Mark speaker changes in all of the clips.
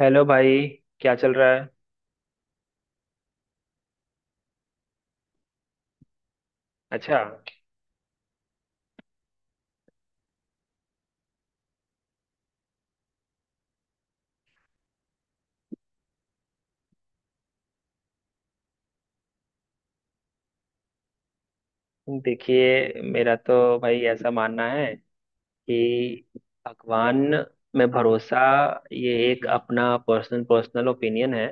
Speaker 1: Hello भाई। क्या चल रहा है? अच्छा। देखिए मेरा तो भाई ऐसा मानना है कि भगवान में भरोसा, ये एक अपना पर्सनल पर्सनल ओपिनियन है।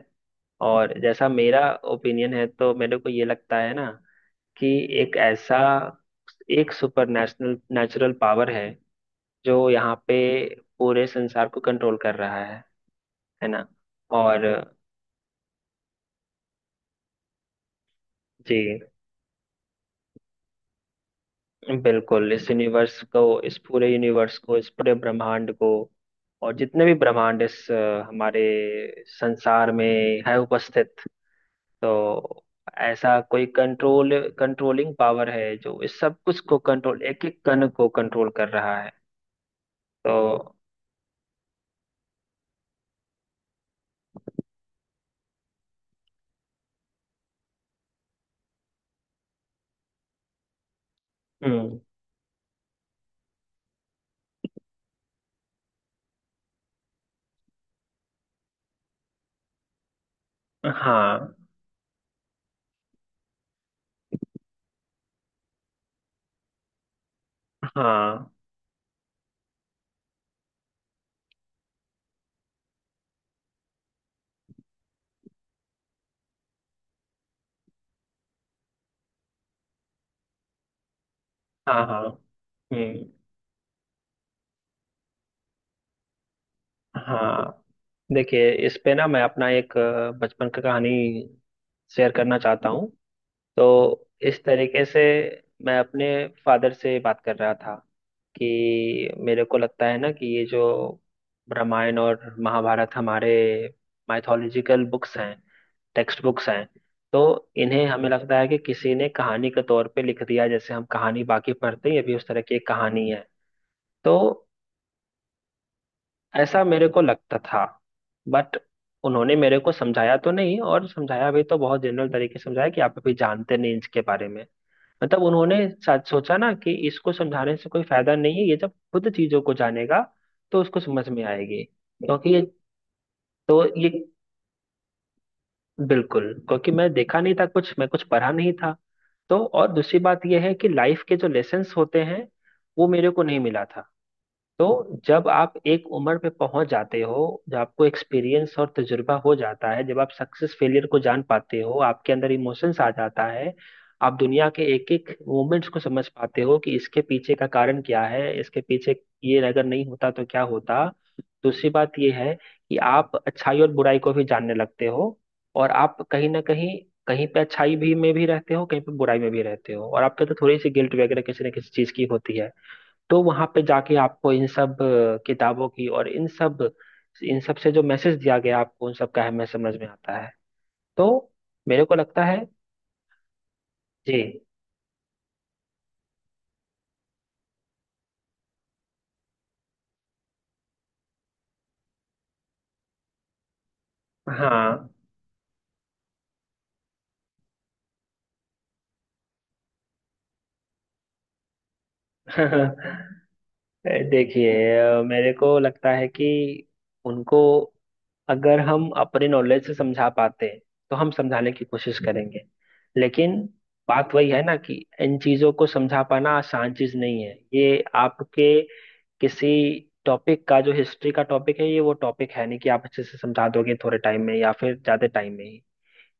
Speaker 1: और जैसा मेरा ओपिनियन है तो मेरे को ये लगता है ना कि एक ऐसा एक सुपर नेशनल नेचुरल पावर है जो यहाँ पे पूरे संसार को कंट्रोल कर रहा है ना। और जी बिल्कुल। इस पूरे यूनिवर्स को, इस पूरे ब्रह्मांड को और जितने भी ब्रह्मांड हमारे संसार में है उपस्थित। तो ऐसा कोई कंट्रोलिंग पावर है जो इस सब कुछ को कंट्रोल, एक एक कण को कंट्रोल कर रहा है। तो, हम्म, हाँ, हाँ, हाँ, हाँ, हम्म, हाँ। देखिए इस पे ना मैं अपना एक बचपन का कहानी शेयर करना चाहता हूँ, तो इस तरीके से। मैं अपने फादर से बात कर रहा था कि मेरे को लगता है ना कि ये जो रामायण और महाभारत हमारे माइथोलॉजिकल बुक्स हैं, टेक्स्ट बुक्स हैं, तो इन्हें हमें लगता है कि किसी ने कहानी के तौर पे लिख दिया, जैसे हम कहानी बाकी पढ़ते हैं ये भी उस तरह की एक कहानी है। तो ऐसा मेरे को लगता था, बट उन्होंने मेरे को समझाया तो नहीं, और समझाया भी तो बहुत जनरल तरीके से समझाया कि आप अभी जानते नहीं इसके बारे में। मतलब उन्होंने सोचा ना कि इसको समझाने से कोई फायदा नहीं है, ये जब खुद चीजों को जानेगा तो उसको समझ में आएगी, क्योंकि ये। तो ये, बिल्कुल क्योंकि मैं देखा नहीं था कुछ, मैं कुछ पढ़ा नहीं था। तो और दूसरी बात यह है कि लाइफ के जो लेसन्स होते हैं वो मेरे को नहीं मिला था। तो जब आप एक उम्र पे पहुंच जाते हो, जब आपको एक्सपीरियंस और तजुर्बा हो जाता है, जब आप सक्सेस फेलियर को जान पाते हो, आपके अंदर इमोशंस आ जाता है। आप दुनिया के एक एक मोमेंट्स को समझ पाते हो कि इसके पीछे का कारण क्या है, इसके पीछे ये अगर नहीं होता तो क्या होता। दूसरी बात ये है कि आप अच्छाई और बुराई को भी जानने लगते हो, और आप कहीं ना कहीं, कहीं पे अच्छाई भी में भी रहते हो, कहीं पे बुराई में भी रहते हो, और आपके तो थोड़ी सी गिल्ट वगैरह किसी ना किसी चीज की होती है। तो वहां पे जाके आपको इन सब किताबों की, और इन सब से जो मैसेज दिया गया आपको उन सब का अहमियत समझ में आता है। तो मेरे को लगता है। जी। हाँ। देखिए, मेरे को लगता है कि उनको, अगर हम अपने नॉलेज से समझा पाते तो हम समझाने की कोशिश करेंगे। लेकिन बात वही है ना कि इन चीजों को समझा पाना आसान चीज नहीं है, ये आपके किसी टॉपिक का, जो हिस्ट्री का टॉपिक है, ये वो टॉपिक है नहीं कि आप अच्छे से समझा दोगे थोड़े टाइम में, या फिर ज्यादा टाइम में ही।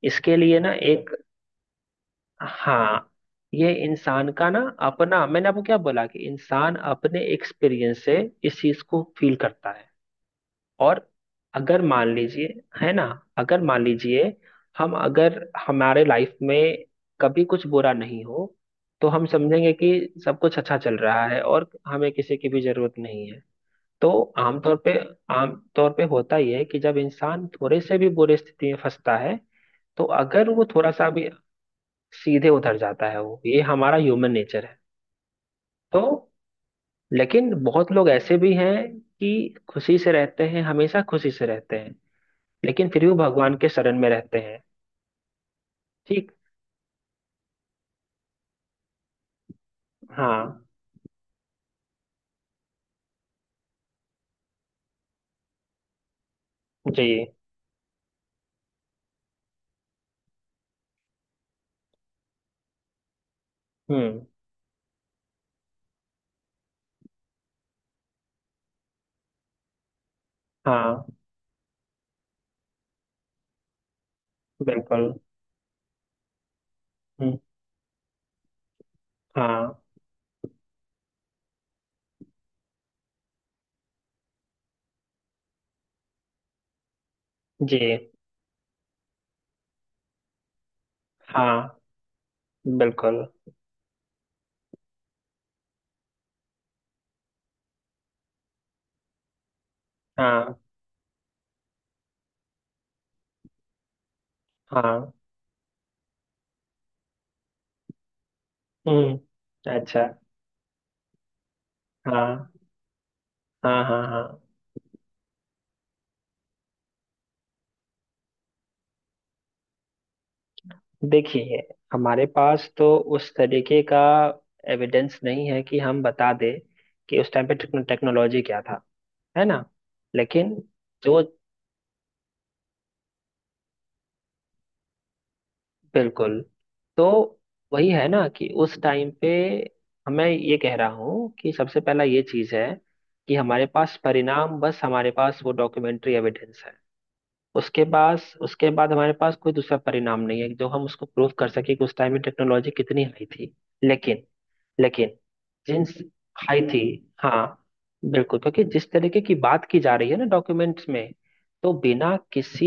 Speaker 1: इसके लिए ना एक। हाँ। ये इंसान का ना अपना। मैंने आपको क्या बोला कि इंसान अपने एक्सपीरियंस से इस चीज को फील करता है। और अगर मान लीजिए, है ना, अगर मान लीजिए हम, अगर हमारे लाइफ में कभी कुछ बुरा नहीं हो तो हम समझेंगे कि सब कुछ अच्छा चल रहा है और हमें किसी की भी जरूरत नहीं है। तो आमतौर पे आमतौर पे होता ही है कि जब इंसान थोड़े से भी बुरे स्थिति में फंसता है, तो अगर वो थोड़ा सा भी सीधे उधर जाता है, वो, ये हमारा ह्यूमन नेचर है। तो लेकिन बहुत लोग ऐसे भी हैं कि खुशी से रहते हैं, हमेशा खुशी से रहते हैं, लेकिन फिर भी भगवान के शरण में रहते हैं। ठीक। हाँ, जी, हम्म, हाँ, बिल्कुल। हम्म, हाँ, जी, हाँ, बिल्कुल। हाँ, हाँ, हम्म, अच्छा, हाँ, हाँ, हाँ, हाँ। देखिए हमारे पास तो उस तरीके का एविडेंस नहीं है कि हम बता दें कि उस टाइम पे टेक्नोलॉजी क्या था, है ना। लेकिन जो बिल्कुल। तो वही है ना कि उस टाइम पे, हमें ये कह रहा हूँ कि सबसे पहला ये चीज़ है कि हमारे पास परिणाम, बस हमारे पास वो डॉक्यूमेंट्री एविडेंस है। उसके बाद हमारे पास कोई दूसरा परिणाम नहीं है जो हम उसको प्रूव कर सके कि उस टाइम में टेक्नोलॉजी कितनी हाई थी। लेकिन, लेकिन जींस हाई थी। हाँ बिल्कुल, क्योंकि जिस तरीके की बात की जा रही है ना डॉक्यूमेंट्स में, तो बिना किसी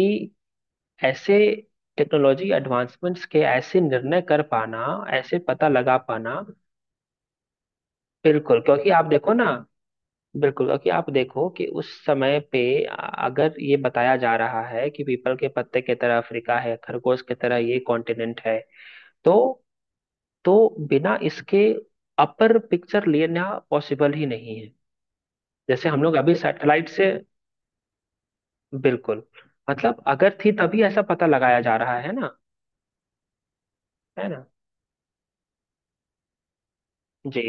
Speaker 1: ऐसे टेक्नोलॉजी एडवांसमेंट्स के ऐसे निर्णय कर पाना, ऐसे पता लगा पाना। बिल्कुल क्योंकि आप देखो ना बिल्कुल क्योंकि आप देखो कि उस समय पे अगर ये बताया जा रहा है कि पीपल के पत्ते की तरह अफ्रीका है, खरगोश की तरह ये कॉन्टिनेंट है, तो तो बिना इसके अपर पिक्चर लेना पॉसिबल ही नहीं है। जैसे हम लोग अभी सैटेलाइट से, बिल्कुल। मतलब अगर थी तभी ऐसा पता लगाया जा रहा है ना, है ना। जी,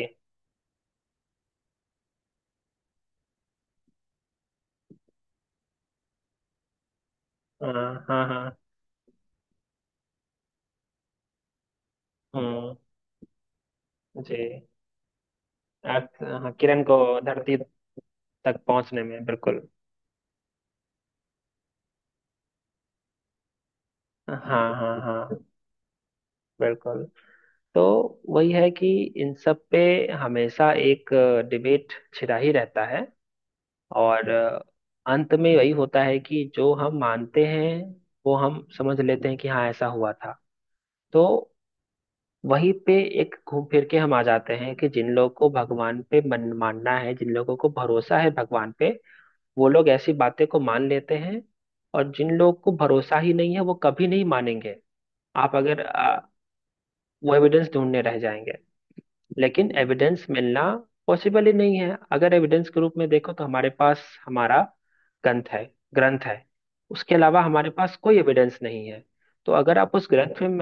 Speaker 1: हाँ, हाँ, हाँ, हम्म, जी। अर्थ, हाँ, किरण को धरती तक पहुंचने में, बिल्कुल। हाँ, हाँ, हाँ, बिल्कुल। तो वही है कि इन सब पे हमेशा एक डिबेट छिड़ा ही रहता है, और अंत में वही होता है कि जो हम मानते हैं वो हम समझ लेते हैं कि हाँ ऐसा हुआ था। तो वहीं पे, एक घूम फिर के हम आ जाते हैं कि जिन लोगों को भगवान पे मन मानना है, जिन लोगों को भरोसा है भगवान पे, वो लोग ऐसी बातें को मान लेते हैं, और जिन लोगों को भरोसा ही नहीं है वो कभी नहीं मानेंगे। आप अगर आ, वो एविडेंस ढूंढने रह जाएंगे। लेकिन एविडेंस मिलना पॉसिबल ही नहीं है, अगर एविडेंस के रूप में देखो तो हमारे पास हमारा ग्रंथ है। ग्रंथ है, उसके अलावा हमारे पास कोई एविडेंस नहीं है। तो अगर आप उस ग्रंथ में।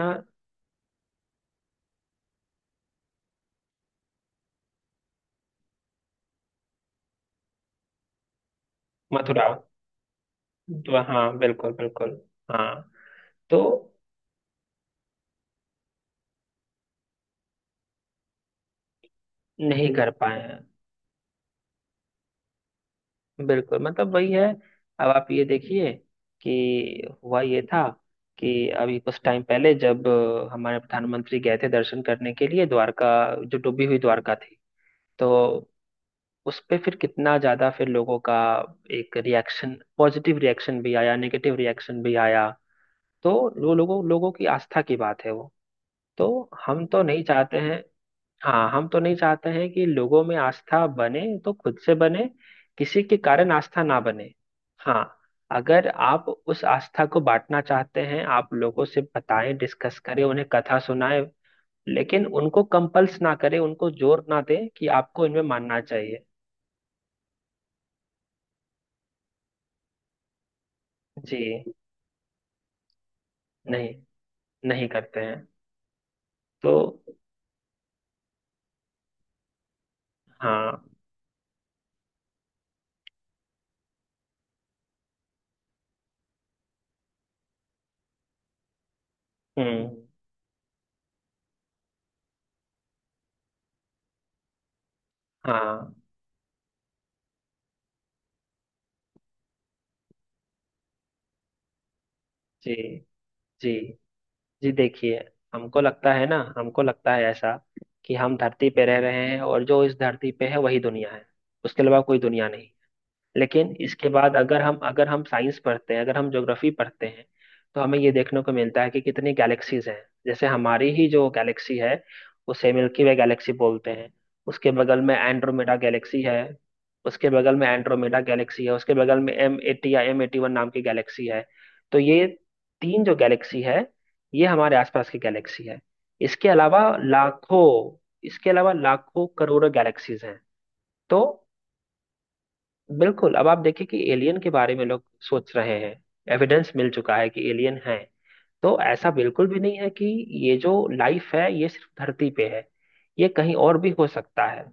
Speaker 1: मथुरा। तो हाँ, बिल्कुल बिल्कुल। हाँ। तो नहीं कर पाए हैं, बिल्कुल, मतलब वही है। अब आप ये देखिए कि हुआ ये था कि अभी कुछ टाइम पहले जब हमारे प्रधानमंत्री गए थे दर्शन करने के लिए द्वारका, जो डूबी हुई द्वारका थी, तो उस पे फिर कितना ज्यादा फिर लोगों का एक रिएक्शन, पॉजिटिव रिएक्शन भी आया, नेगेटिव रिएक्शन भी आया। तो वो लोगों लोगों की आस्था की बात है, वो तो हम तो नहीं चाहते हैं। हाँ, हम तो नहीं चाहते हैं कि लोगों में आस्था बने तो खुद से बने, किसी के कारण आस्था ना बने। हाँ। अगर आप उस आस्था को बांटना चाहते हैं, आप लोगों से बताएं, डिस्कस करें, उन्हें कथा सुनाएं, लेकिन उनको कंपल्स ना करें, उनको जोर ना दें कि आपको इनमें मानना चाहिए। जी, नहीं, नहीं करते हैं। तो, हाँ, हम्म, हाँ, जी, जी, जी, देखिए हमको लगता है ना, हमको लगता है ऐसा कि हम धरती पे रह रहे हैं, और जो इस धरती पे है वही दुनिया है, उसके अलावा कोई दुनिया नहीं। लेकिन इसके बाद, अगर हम साइंस पढ़ते हैं, अगर हम ज्योग्राफी पढ़ते हैं, तो हमें ये देखने को मिलता है कि कितनी गैलेक्सीज हैं। जैसे हमारी ही जो गैलेक्सी है, उसे मिल्की वे गैलेक्सी बोलते हैं। उसके बगल में एंड्रोमेडा गैलेक्सी है उसके बगल में एंड्रोमेडा गैलेक्सी है। उसके बगल में एम एटी या एम एटी वन नाम की गैलेक्सी है। तो ये तीन जो गैलेक्सी है, ये हमारे आसपास की गैलेक्सी है। इसके अलावा लाखों इसके अलावा लाखों करोड़ों गैलेक्सीज हैं। तो बिल्कुल, अब आप देखिए कि एलियन के बारे में लोग सोच रहे हैं, एविडेंस मिल चुका है कि एलियन है। तो ऐसा बिल्कुल भी नहीं है कि ये जो लाइफ है ये सिर्फ धरती पे है, ये कहीं और भी हो सकता है।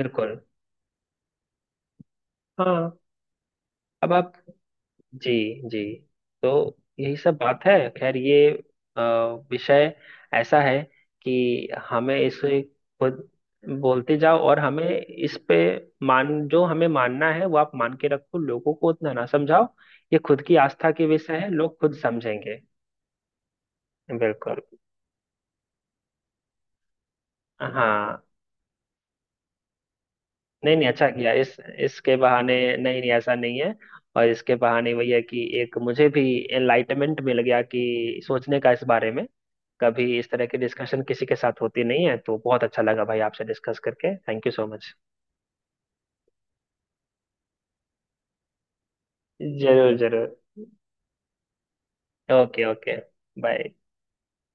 Speaker 1: बिल्कुल। हाँ। अब आप जी, जी। तो यही सब बात है। खैर ये अ, विषय ऐसा है कि हमें इसे खुद बोलते जाओ, और हमें इस पे मान जो हमें मानना है वो आप मान के रखो, लोगों को उतना ना समझाओ, ये खुद की आस्था के विषय है, लोग खुद समझेंगे। बिल्कुल। हाँ। नहीं, नहीं, अच्छा किया इस इसके बहाने, नहीं नहीं, ऐसा नहीं है। और इसके बहाने वही है कि एक मुझे भी एनलाइटमेंट मिल गया कि सोचने का इस बारे में। कभी इस तरह की डिस्कशन किसी के साथ होती नहीं है, तो बहुत अच्छा लगा भाई आपसे डिस्कस करके, थैंक यू सो मच। जरूर, जरूर। Okay, okay. बाय।